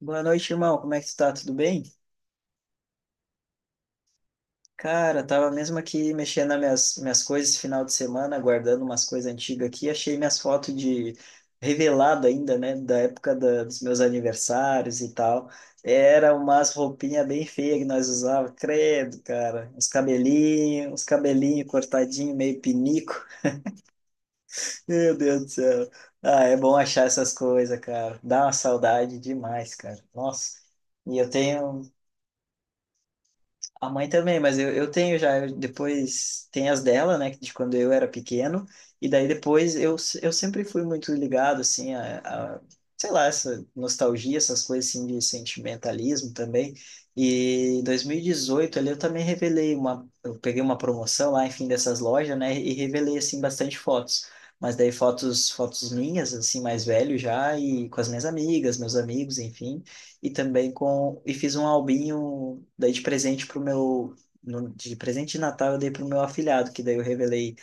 Boa noite, irmão. Como é que tu tá? Tudo bem? Cara, tava mesmo aqui mexendo nas minhas coisas esse final de semana, guardando umas coisas antigas aqui. Achei minhas fotos de revelado ainda, né? Dos meus aniversários e tal. Era umas roupinhas bem feias que nós usávamos, credo, cara. Os cabelinhos cortadinho, meio pinico. Meu Deus do céu. Ah, é bom achar essas coisas, cara. Dá uma saudade demais, cara. Nossa. E eu tenho. A mãe também, mas eu tenho já. Depois tem as dela, né, de quando eu era pequeno, e daí depois eu sempre fui muito ligado, assim, a, sei lá, essa nostalgia, essas coisas assim de sentimentalismo também, e em 2018 ali eu também revelei uma, eu peguei uma promoção lá, enfim, dessas lojas, né, e revelei, assim, bastante fotos, mas daí fotos minhas, assim, mais velho já, e com as minhas amigas, meus amigos, enfim, e também com. E fiz um albinho, daí de presente pro meu. No- De presente de Natal eu dei pro meu afilhado, que daí eu revelei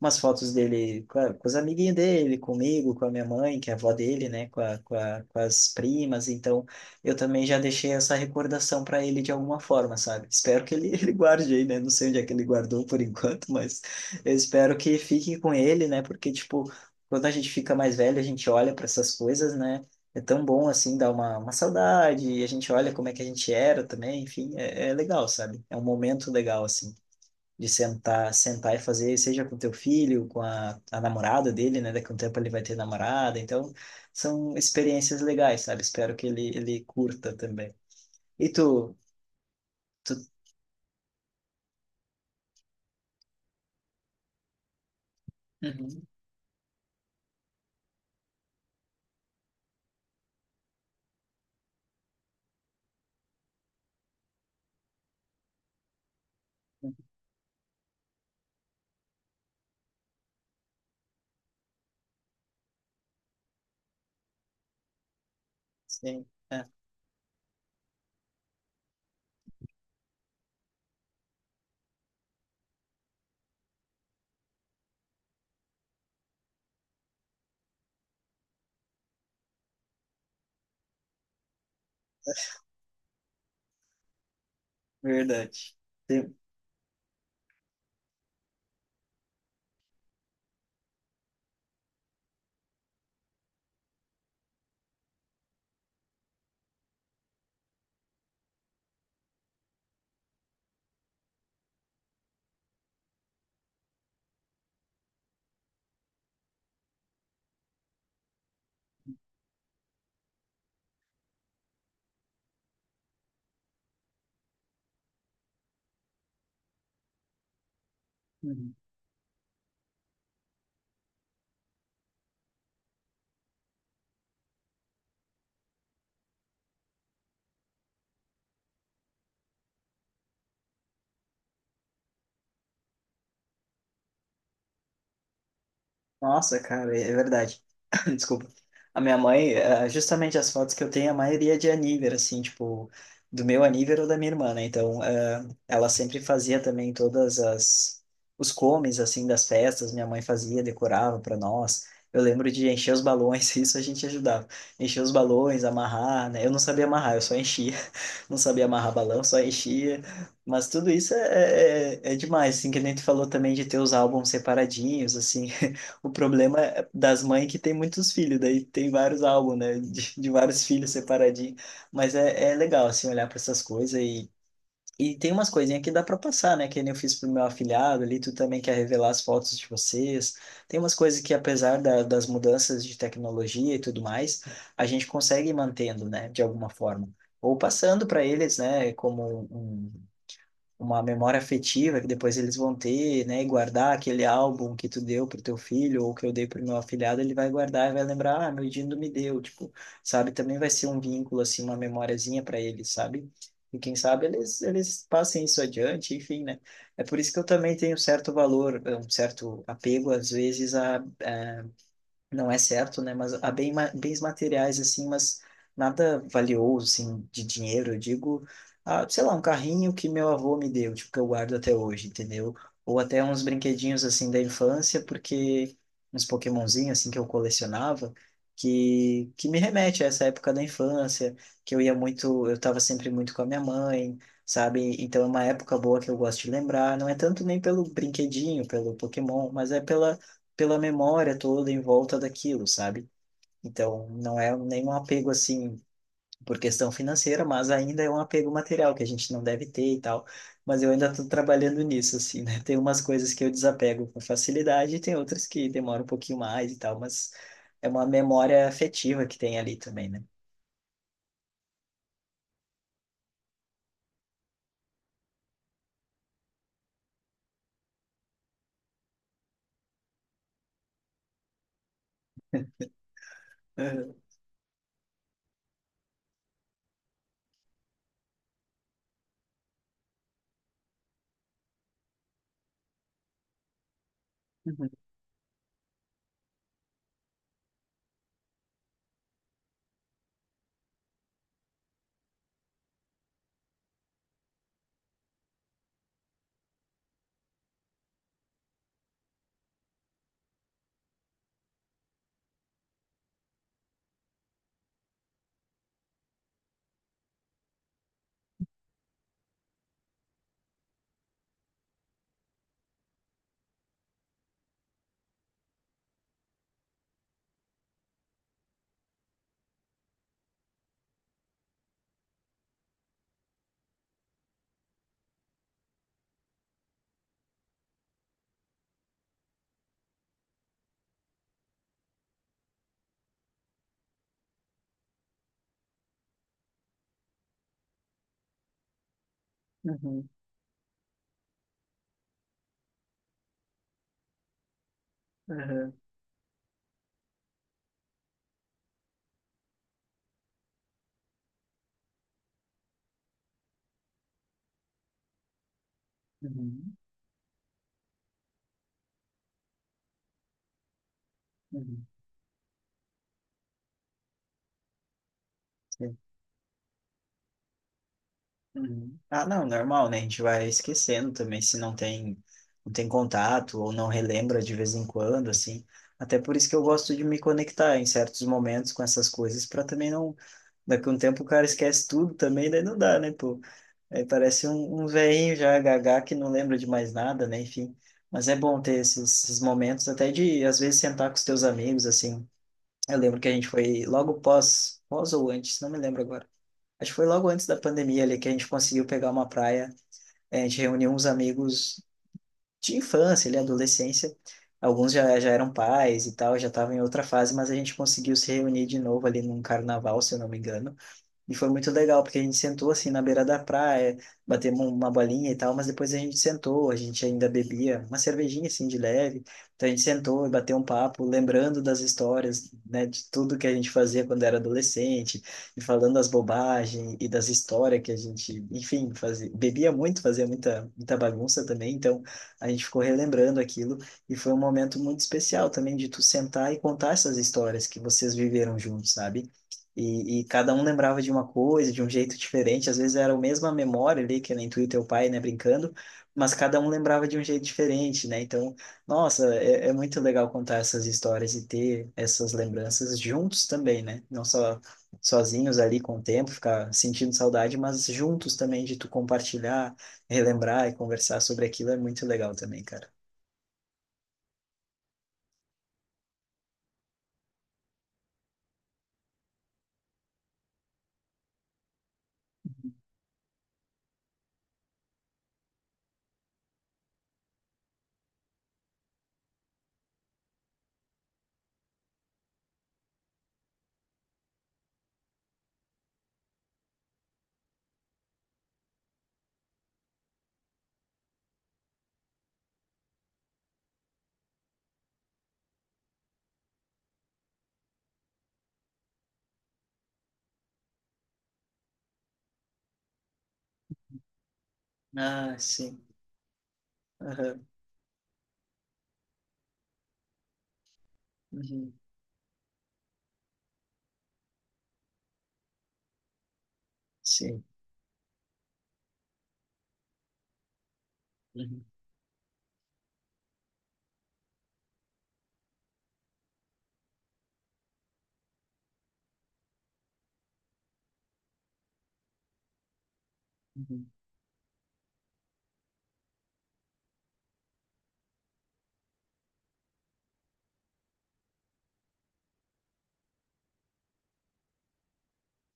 umas fotos dele com os amiguinhos dele, comigo, com a minha mãe, que é a avó dele, né, com as primas, então eu também já deixei essa recordação para ele de alguma forma, sabe? Espero que ele, ele guarde aí, né? Não sei onde é que ele guardou por enquanto, mas eu espero que fique com ele, né? Porque, tipo, quando a gente fica mais velho, a gente olha para essas coisas, né? É tão bom assim, dá uma saudade, e a gente olha como é que a gente era também, enfim, é legal, sabe? É um momento legal, assim de sentar e fazer, seja com teu filho, com a namorada dele, né? Daqui a um tempo ele vai ter namorada, então são experiências legais, sabe? Espero que ele curta também. E tu? Tu... Uhum, uhum, sim, é verdade. Sim. Nossa, cara, é verdade. Desculpa. A minha mãe, justamente as fotos que eu tenho, a maioria é de aníver, assim, tipo, do meu aníver ou da minha irmã, né? Então, ela sempre fazia também todas as os comes assim das festas, minha mãe fazia, decorava para nós. Eu lembro de encher os balões, isso a gente ajudava. Encher os balões, amarrar, né? Eu não sabia amarrar, eu só enchia não sabia amarrar balão, só enchia. Mas tudo isso é demais, assim, que nem tu falou também de ter os álbuns separadinhos, assim. O problema é das mães que tem muitos filhos, daí tem vários álbuns, né, de vários filhos separadinhos. Mas é legal, assim, olhar para essas coisas e tem umas coisinhas que dá pra passar, né? Que nem eu fiz pro meu afilhado ali, tu também quer revelar as fotos de vocês. Tem umas coisas que, das mudanças de tecnologia e tudo mais, a gente consegue ir mantendo, né? De alguma forma. Ou passando para eles, né? Como um, um uma memória afetiva que depois eles vão ter, né? E guardar aquele álbum que tu deu pro teu filho ou que eu dei pro meu afilhado, ele vai guardar e vai lembrar, ah, meu Dindo me deu, tipo, sabe? Também vai ser um vínculo, assim, uma memóriazinha para eles, sabe? E quem sabe eles passem isso adiante, enfim, né? É por isso que eu também tenho um certo valor, um certo apego, às vezes, a não é certo, né? Mas há bens materiais, assim, mas nada valioso, assim, de dinheiro. Eu digo, ah, sei lá, um carrinho que meu avô me deu, tipo, que eu guardo até hoje, entendeu? Ou até uns brinquedinhos, assim, da infância, porque uns Pokémonzinhos, assim, que eu colecionava, que me remete a essa época da infância, que eu ia muito, eu estava sempre muito com a minha mãe, sabe? Então é uma época boa que eu gosto de lembrar. Não é tanto nem pelo brinquedinho, pelo Pokémon, mas é pela pela memória toda em volta daquilo, sabe? Então, não é nenhum apego assim por questão financeira, mas ainda é um apego material que a gente não deve ter e tal. Mas eu ainda estou trabalhando nisso, assim, né? Tem umas coisas que eu desapego com facilidade e tem outras que demoram um pouquinho mais e tal, mas é uma memória afetiva que tem ali também, né? Uhum, uhum, uhum, uhum, uhum, uhum. Uhum. Ah, não, normal, né? A gente vai esquecendo também se não tem, não tem contato ou não relembra de vez em quando, assim. Até por isso que eu gosto de me conectar em certos momentos com essas coisas, para também não. Daqui a um tempo o cara esquece tudo também, daí não dá, né, pô? Aí parece um velhinho já gaga que não lembra de mais nada, né? Enfim. Mas é bom ter esses momentos, até de, às vezes, sentar com os teus amigos, assim. Eu lembro que a gente foi logo pós ou antes, não me lembro agora. Acho que foi logo antes da pandemia ali que a gente conseguiu pegar uma praia. A gente reuniu uns amigos de infância, ali, adolescência. Alguns já eram pais e tal, já estavam em outra fase, mas a gente conseguiu se reunir de novo ali num carnaval, se eu não me engano. E foi muito legal, porque a gente sentou assim na beira da praia, batemos uma bolinha e tal, mas depois a gente sentou, a gente ainda bebia uma cervejinha assim de leve. Então a gente sentou e bateu um papo, lembrando das histórias, né, de tudo que a gente fazia quando era adolescente, e falando das bobagens e das histórias que a gente, enfim, fazia, bebia muito, fazia muita bagunça também. Então a gente ficou relembrando aquilo e foi um momento muito especial também de tu sentar e contar essas histórias que vocês viveram juntos, sabe? E cada um lembrava de uma coisa, de um jeito diferente. Às vezes era a mesma memória ali, que nem tu e teu pai, né, brincando, mas cada um lembrava de um jeito diferente, né? Então, nossa, é muito legal contar essas histórias e ter essas lembranças juntos também, né? Não só sozinhos ali com o tempo, ficar sentindo saudade, mas juntos também de tu compartilhar, relembrar e conversar sobre aquilo é muito legal também, cara. Ah, sim. Aham. Uhum. Sim. Uhum. Uhum.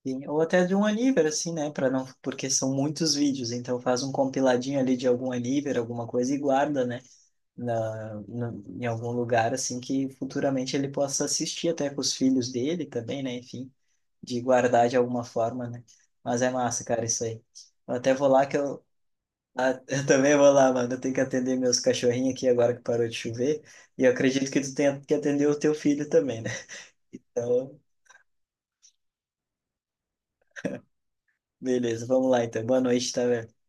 Sim, ou até de um Aniver, assim, né? Para não, porque são muitos vídeos, então faz um compiladinho ali de algum Aniver, alguma coisa e guarda, né? Na, na- em algum lugar, assim, que futuramente ele possa assistir até com os filhos dele também, né? Enfim, de guardar de alguma forma, né? Mas é massa, cara, isso aí. Eu até vou lá que eu, ah, eu também vou lá, mano. Eu tenho que atender meus cachorrinhos aqui agora que parou de chover. E eu acredito que tu tenha que atender o teu filho também, né? Então, beleza, vamos lá então. Boa noite, tá, velho?